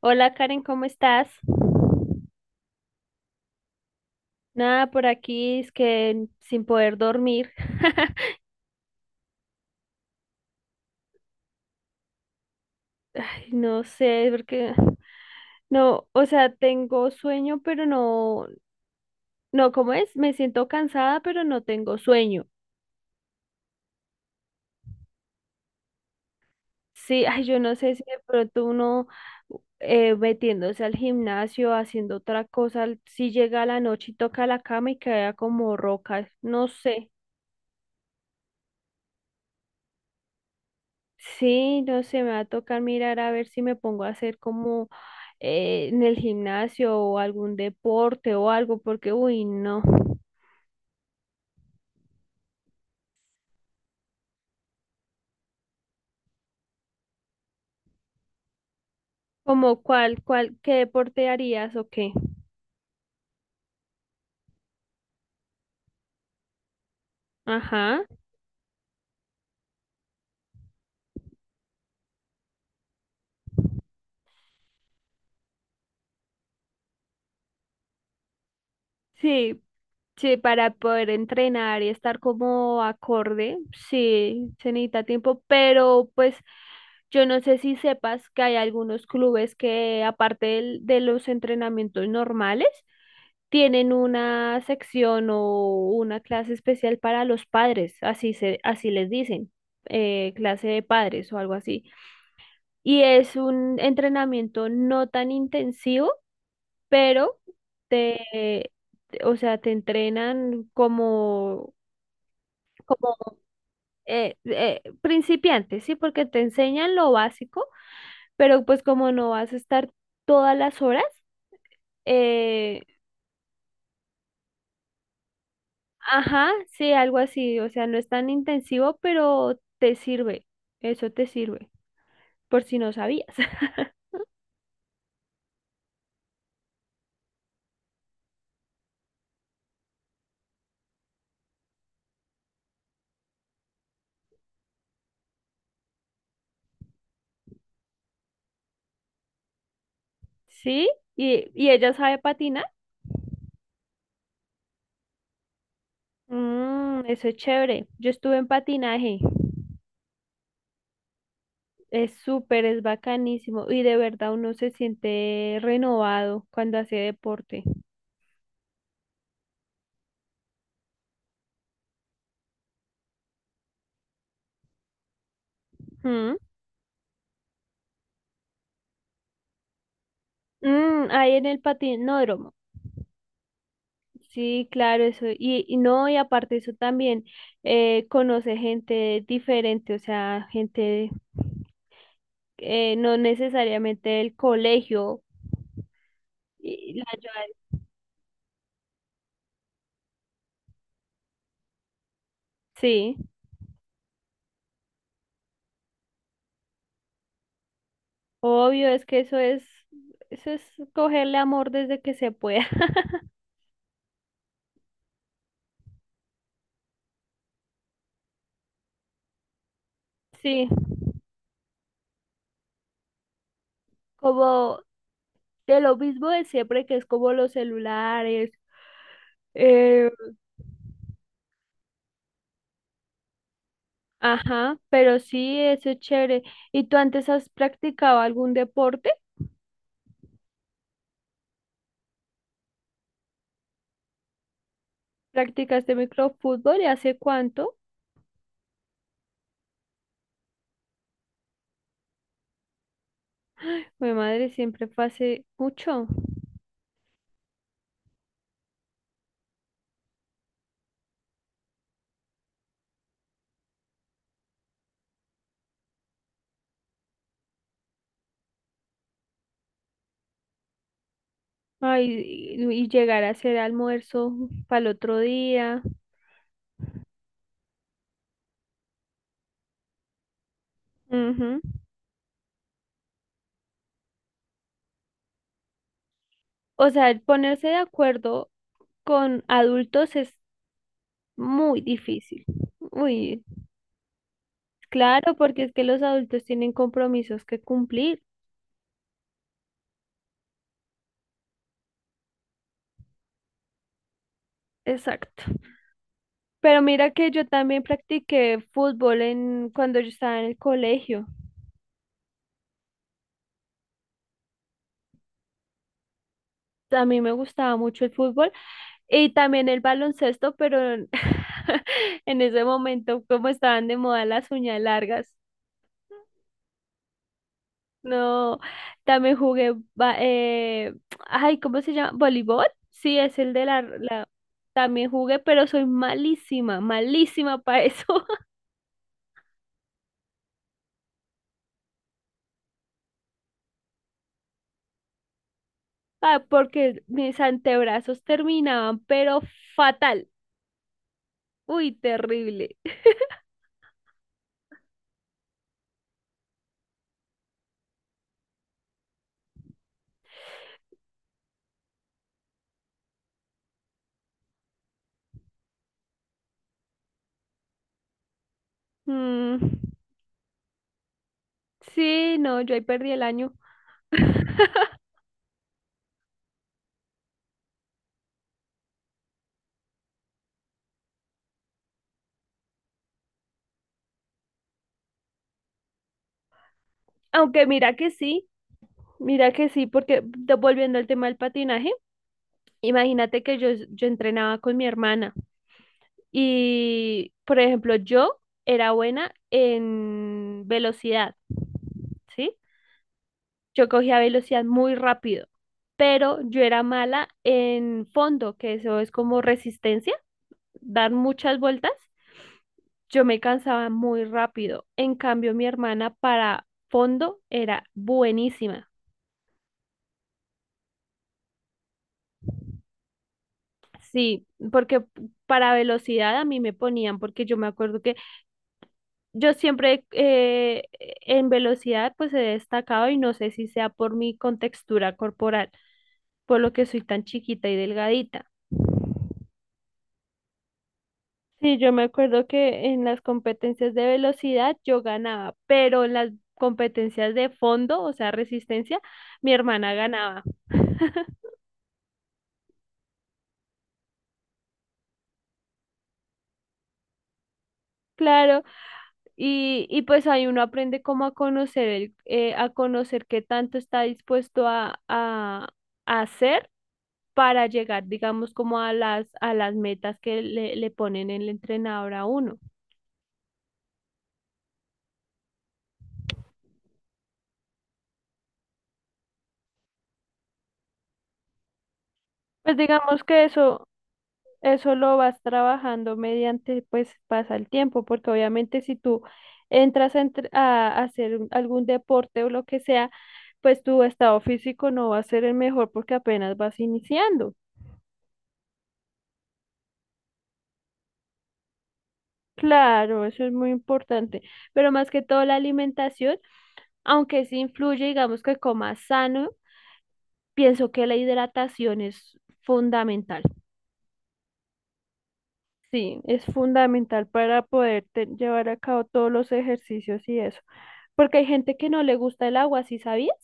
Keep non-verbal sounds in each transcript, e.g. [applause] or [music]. Hola Karen, ¿cómo estás? Nada, por aquí es que sin poder dormir. [laughs] Ay, no sé, porque no, o sea, tengo sueño, pero no, no, ¿cómo es? Me siento cansada, pero no tengo sueño. Sí, ay, yo no sé si de pronto uno metiéndose al gimnasio, haciendo otra cosa, si llega a la noche y toca la cama y queda como roca, no sé. Sí, no sé, me va a tocar mirar a ver si me pongo a hacer como en el gimnasio o algún deporte o algo, porque uy, no. Como cuál, cuál, ¿qué deporte harías o qué? Ajá. Sí, sí, para poder entrenar y estar como acorde, sí, se necesita tiempo, pero pues yo no sé si sepas que hay algunos clubes que de los entrenamientos normales, tienen una sección o una clase especial para los padres, así se, así les dicen, clase de padres o algo así. Y es un entrenamiento no tan intensivo, pero te, o sea, te entrenan como, como principiante, ¿sí? Porque te enseñan lo básico, pero pues como no vas a estar todas las horas, eh, ajá, sí, algo así, o sea, no es tan intensivo, pero te sirve, eso te sirve, por si no sabías. [laughs] ¿Sí? Y ella sabe patinar? Mm, eso es chévere, yo estuve en patinaje. Es súper, es bacanísimo y de verdad uno se siente renovado cuando hace deporte. ¿Mm? Mm, ahí en el patinódromo. Sí, claro, eso. Y no, y aparte eso también conoce gente diferente, o sea, gente no necesariamente del colegio. Y la ayuda, sí, obvio, es que eso es cogerle amor desde que se pueda. [laughs] Sí, como de lo mismo de siempre, que es como los celulares. Eh, ajá, pero sí, eso es chévere. ¿Y tú antes has practicado algún deporte? ¿Practicaste microfútbol y hace cuánto? Mi madre siempre fue hace mucho. Ay, y llegar a hacer almuerzo para el otro día. Ujú. O sea, el ponerse de acuerdo con adultos es muy difícil. Uy, claro, porque es que los adultos tienen compromisos que cumplir. Exacto. Pero mira que yo también practiqué fútbol en, cuando yo estaba en el colegio. A mí me gustaba mucho el fútbol y también el baloncesto, pero en [laughs] en ese momento, como estaban de moda las uñas largas, no, también jugué, ay, ¿cómo se llama? ¿Voleibol? Sí, es el de la, también jugué, pero soy malísima, malísima para eso. [laughs] Ah, porque mis antebrazos terminaban, pero fatal, uy, terrible. Mm, sí, no, yo ahí perdí el año. [laughs] Aunque mira que sí, porque volviendo al tema del patinaje, imagínate que yo entrenaba con mi hermana y, por ejemplo, yo era buena en velocidad, ¿sí? Yo cogía velocidad muy rápido, pero yo era mala en fondo, que eso es como resistencia. Dar muchas vueltas, yo me cansaba muy rápido. En cambio, mi hermana para fondo era buenísima. Sí, porque para velocidad a mí me ponían, porque yo me acuerdo que yo siempre en velocidad pues he destacado y no sé si sea por mi contextura corporal, por lo que soy tan chiquita y delgadita. Sí, yo me acuerdo que en las competencias de velocidad yo ganaba, pero en las competencias de fondo, o sea, resistencia, mi hermana ganaba. Claro, y pues ahí uno aprende cómo a conocer el, a conocer qué tanto está dispuesto a hacer para llegar, digamos, como a las metas que le ponen el entrenador a uno. Pues digamos que eso lo vas trabajando mediante, pues pasa el tiempo, porque obviamente si tú a hacer algún deporte o lo que sea, pues tu estado físico no va a ser el mejor porque apenas vas iniciando. Claro, eso es muy importante, pero más que todo la alimentación, aunque sí influye, digamos que comas sano, pienso que la hidratación es fundamental. Sí, es fundamental para poder llevar a cabo todos los ejercicios y eso. Porque hay gente que no le gusta el agua, ¿sí sabías?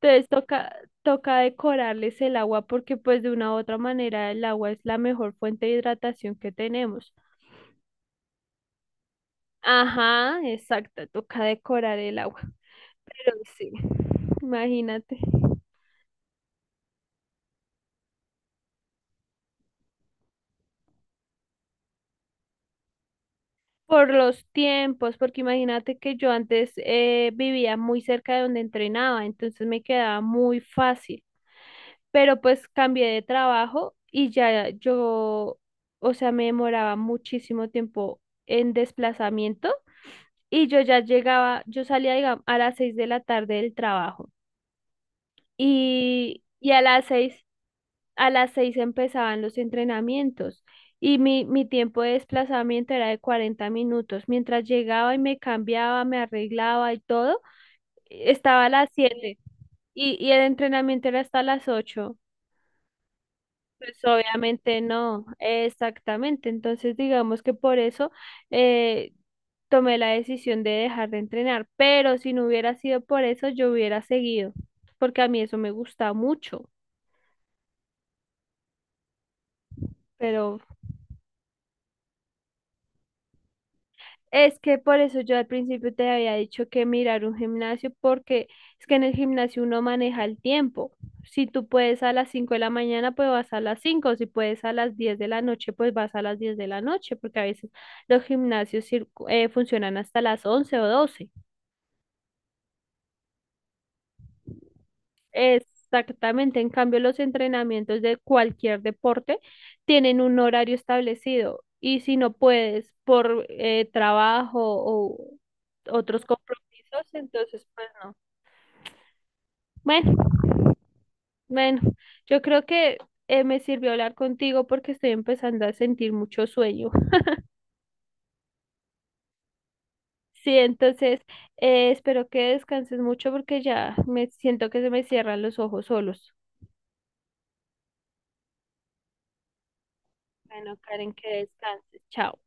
Entonces toca, toca decorarles el agua porque pues de una u otra manera el agua es la mejor fuente de hidratación que tenemos. Ajá, exacto, toca decorar el agua. Pero sí, imagínate. Por los tiempos, porque imagínate que yo antes vivía muy cerca de donde entrenaba, entonces me quedaba muy fácil. Pero pues cambié de trabajo y ya yo, o sea, me demoraba muchísimo tiempo en desplazamiento y yo ya llegaba, yo salía, digamos, a las 6 de la tarde del trabajo y a las seis empezaban los entrenamientos y mi tiempo de desplazamiento era de 40 minutos. Mientras llegaba y me cambiaba, me arreglaba y todo, estaba a las 7 y el entrenamiento era hasta las 8. Pues obviamente no, exactamente. Entonces digamos que por eso eh, tomé la decisión de dejar de entrenar, pero si no hubiera sido por eso, yo hubiera seguido, porque a mí eso me gusta mucho, pero Es que por eso yo al principio te había dicho que mirar un gimnasio, porque es que en el gimnasio uno maneja el tiempo. Si tú puedes a las 5 de la mañana, pues vas a las cinco. Si puedes a las 10 de la noche, pues vas a las 10 de la noche, porque a veces los gimnasios funcionan hasta las 11 o 12. Exactamente, en cambio los entrenamientos de cualquier deporte tienen un horario establecido y si no puedes por trabajo o otros compromisos, entonces pues no. Bueno, bueno, yo creo que me sirvió hablar contigo porque estoy empezando a sentir mucho sueño. Sí, entonces espero que descanses mucho porque ya me siento que se me cierran los ojos solos. Bueno, Karen, que descanses. Chao.